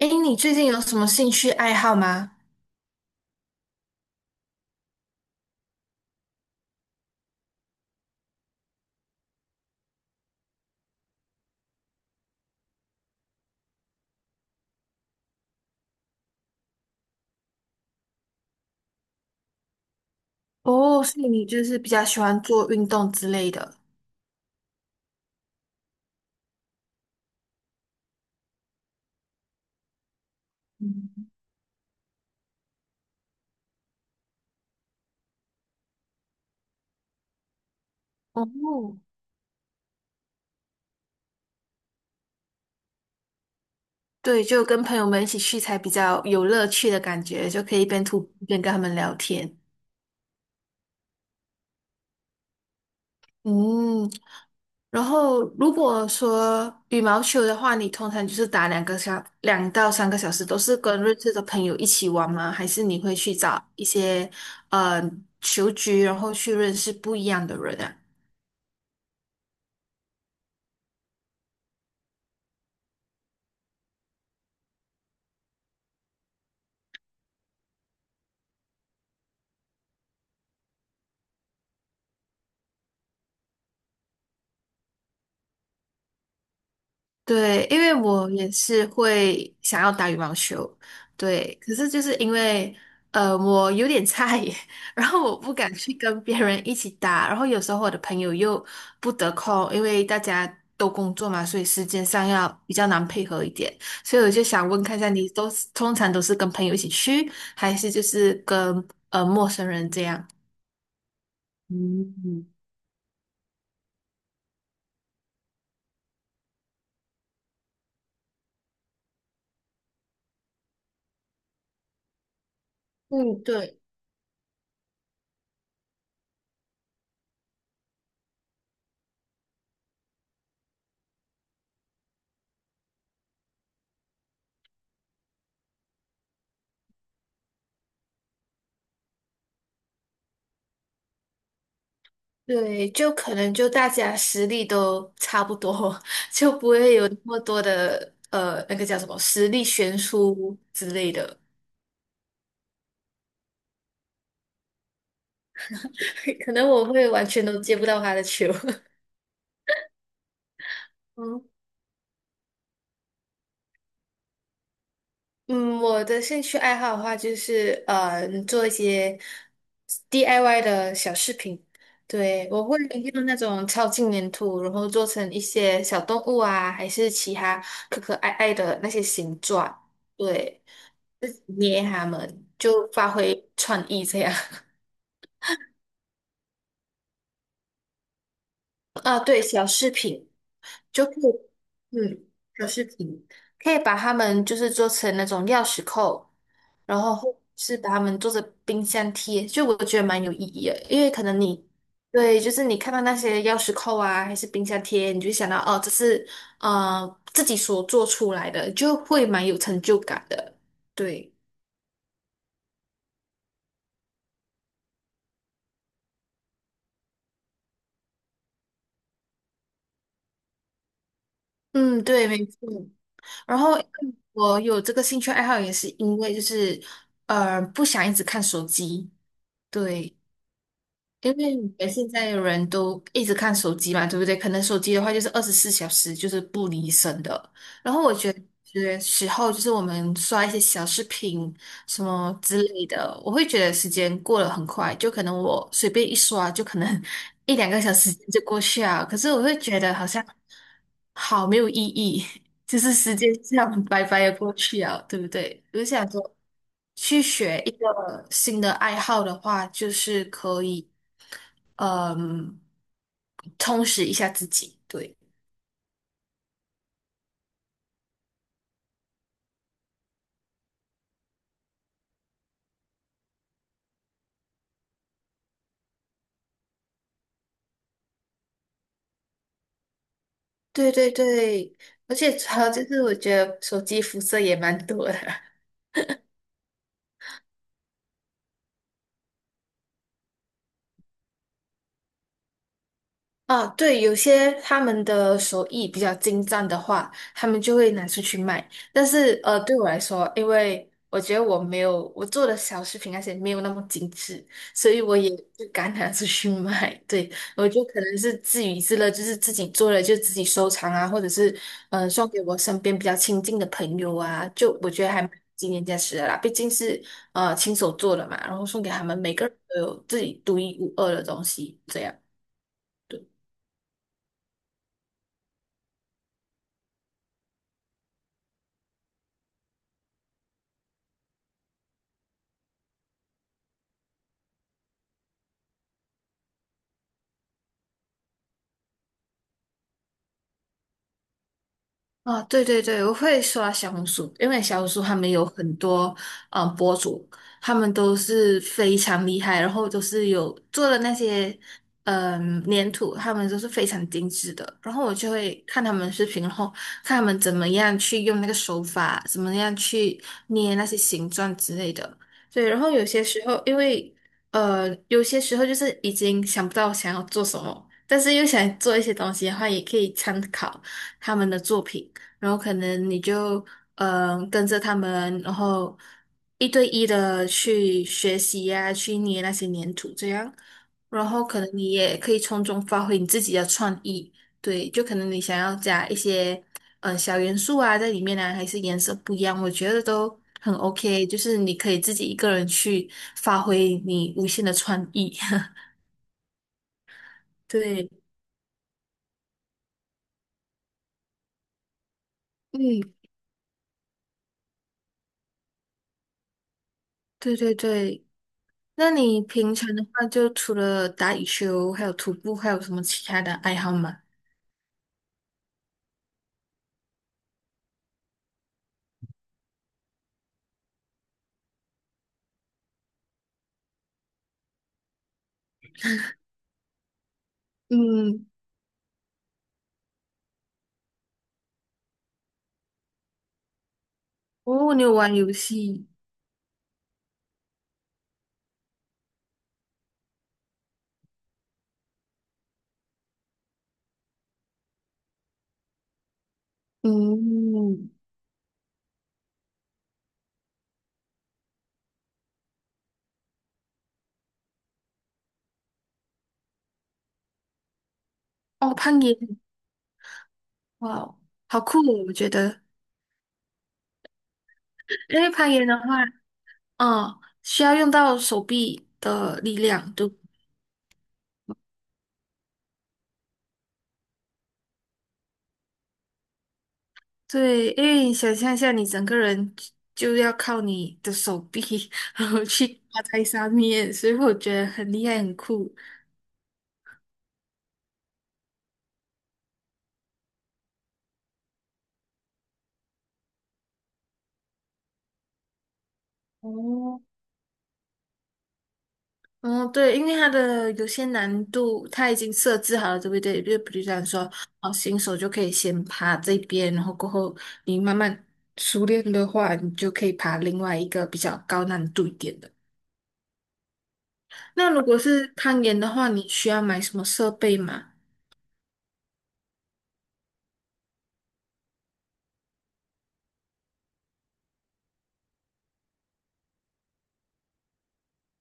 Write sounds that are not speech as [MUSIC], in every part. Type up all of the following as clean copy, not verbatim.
哎，你最近有什么兴趣爱好吗？哦，所以你就是比较喜欢做运动之类的。嗯，哦，对，就跟朋友们一起去才比较有乐趣的感觉，就可以一边徒步一边跟他们聊天。嗯，然后如果说羽毛球的话，你通常就是打2到3个小时，都是跟认识的朋友一起玩吗？还是你会去找一些呃球局，然后去认识不一样的人啊？对，因为我也是会想要打羽毛球，对，可是就是因为我有点菜耶，[LAUGHS] 然后我不敢去跟别人一起打，然后有时候我的朋友又不得空，因为大家都工作嘛，所以时间上要比较难配合一点，所以我就想问看一下，你都是通常都是跟朋友一起去，还是就是跟陌生人这样？嗯，嗯，对，对，就可能就大家实力都差不多，[LAUGHS] 就不会有那么多的那个叫什么实力悬殊之类的，[LAUGHS] 可能我会完全都接不到他的球。[LAUGHS] 嗯嗯，我的兴趣爱好的话，就是做一些 DIY 的小饰品。对，我会用那种超轻粘土，然后做成一些小动物啊，还是其他可可爱爱的那些形状。对。就是捏他们，就发挥创意这样。[LAUGHS] 啊，对，小饰品就可以，嗯，小饰品可以把它们就是做成那种钥匙扣，然后或是把它们做成冰箱贴，就我觉得蛮有意义的，因为可能你。对，就是你看到那些钥匙扣啊，还是冰箱贴，你就想到哦，这是自己所做出来的，就会蛮有成就感的。对，嗯，对，没错。然后我有这个兴趣爱好，也是因为就是不想一直看手机，对，因为你们现在的人都一直看手机嘛，对不对？可能手机的话就是24小时就是不离身的。然后我觉得有些时候就是我们刷一些小视频什么之类的，我会觉得时间过得很快，就可能我随便一刷就可能 [LAUGHS] 一两个小时就过去啊。可是我会觉得好像好没有意义，[LAUGHS] 就是时间这样白白的过去啊，对不对？我就想说，去学一个新的爱好的话，就是可以。嗯，充实一下自己。对，对对对，而且还有就是，我觉得手机辐射也蛮多的。[LAUGHS] 啊，对，有些他们的手艺比较精湛的话，他们就会拿出去卖。但是，对我来说，因为我觉得我没有我做的小饰品那些没有那么精致，所以我也不敢拿出去卖。对，我就可能是自娱自乐，就是自己做了就自己收藏啊，或者是送给我身边比较亲近的朋友啊，就我觉得还蛮纪念价值的啦。毕竟是亲手做的嘛，然后送给他们，每个人都有自己独一无二的东西，这样。啊，对对对，我会刷小红书，因为小红书他们有很多博主，他们都是非常厉害，然后都是有做的那些粘土，他们都是非常精致的。然后我就会看他们视频，然后看他们怎么样去用那个手法，怎么样去捏那些形状之类的。对，然后有些时候因为有些时候就是已经想不到想要做什么，但是又想做一些东西的话，也可以参考他们的作品。然后可能你就跟着他们，然后一对一的去学习呀、去捏那些粘土这样，然后可能你也可以从中发挥你自己的创意，对，就可能你想要加一些小元素啊在里面呢，还是颜色不一样，我觉得都很 OK，就是你可以自己一个人去发挥你无限的创意，[LAUGHS] 对，嗯，对对对。那你平常的话，就除了打羽球，还有徒步，还有什么其他的爱好吗？嗯，哦，你有玩游戏，嗯，哦，攀岩，哇哦，好酷哦，我觉得，因为攀岩的话，嗯，需要用到手臂的力量，对不对，因为你想象一下，你整个人就要靠你的手臂，[LAUGHS] 然后去挂在上面，所以我觉得很厉害，很酷。哦，嗯，对，因为它的有些难度，它已经设置好了，对不对？就比如讲说，哦，新手就可以先爬这边，然后过后你慢慢熟练的话，你就可以爬另外一个比较高难度一点的。那如果是攀岩的话，你需要买什么设备吗？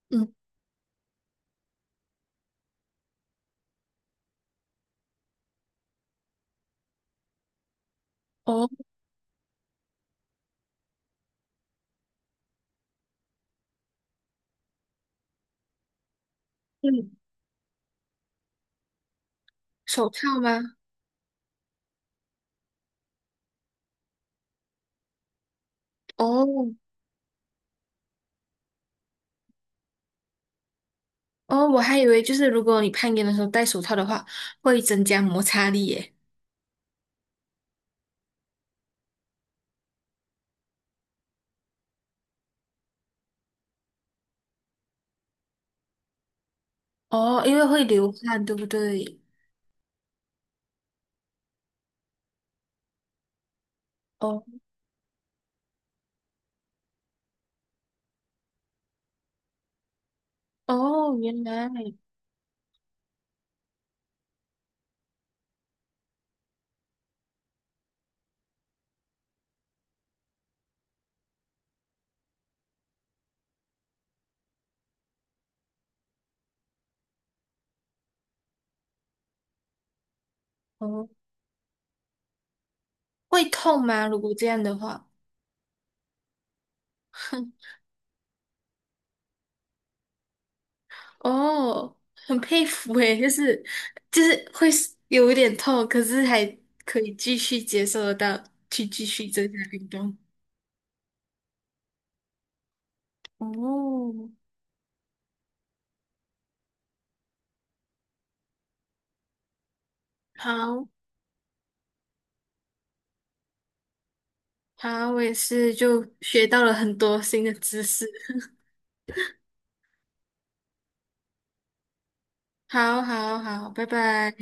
嗯，哦，嗯，手套吗？哦，哦，我还以为就是如果你攀岩的时候戴手套的话，会增加摩擦力耶。哦，因为会流汗，对不对？哦，哦，原来。哦。会痛吗？如果这样的话，[LAUGHS] 哦，很佩服诶，就是会有一点痛，可是还可以继续接受得到，去继续增加运动。哦，好好，我也是就学到了很多新的知识。好好好，拜拜。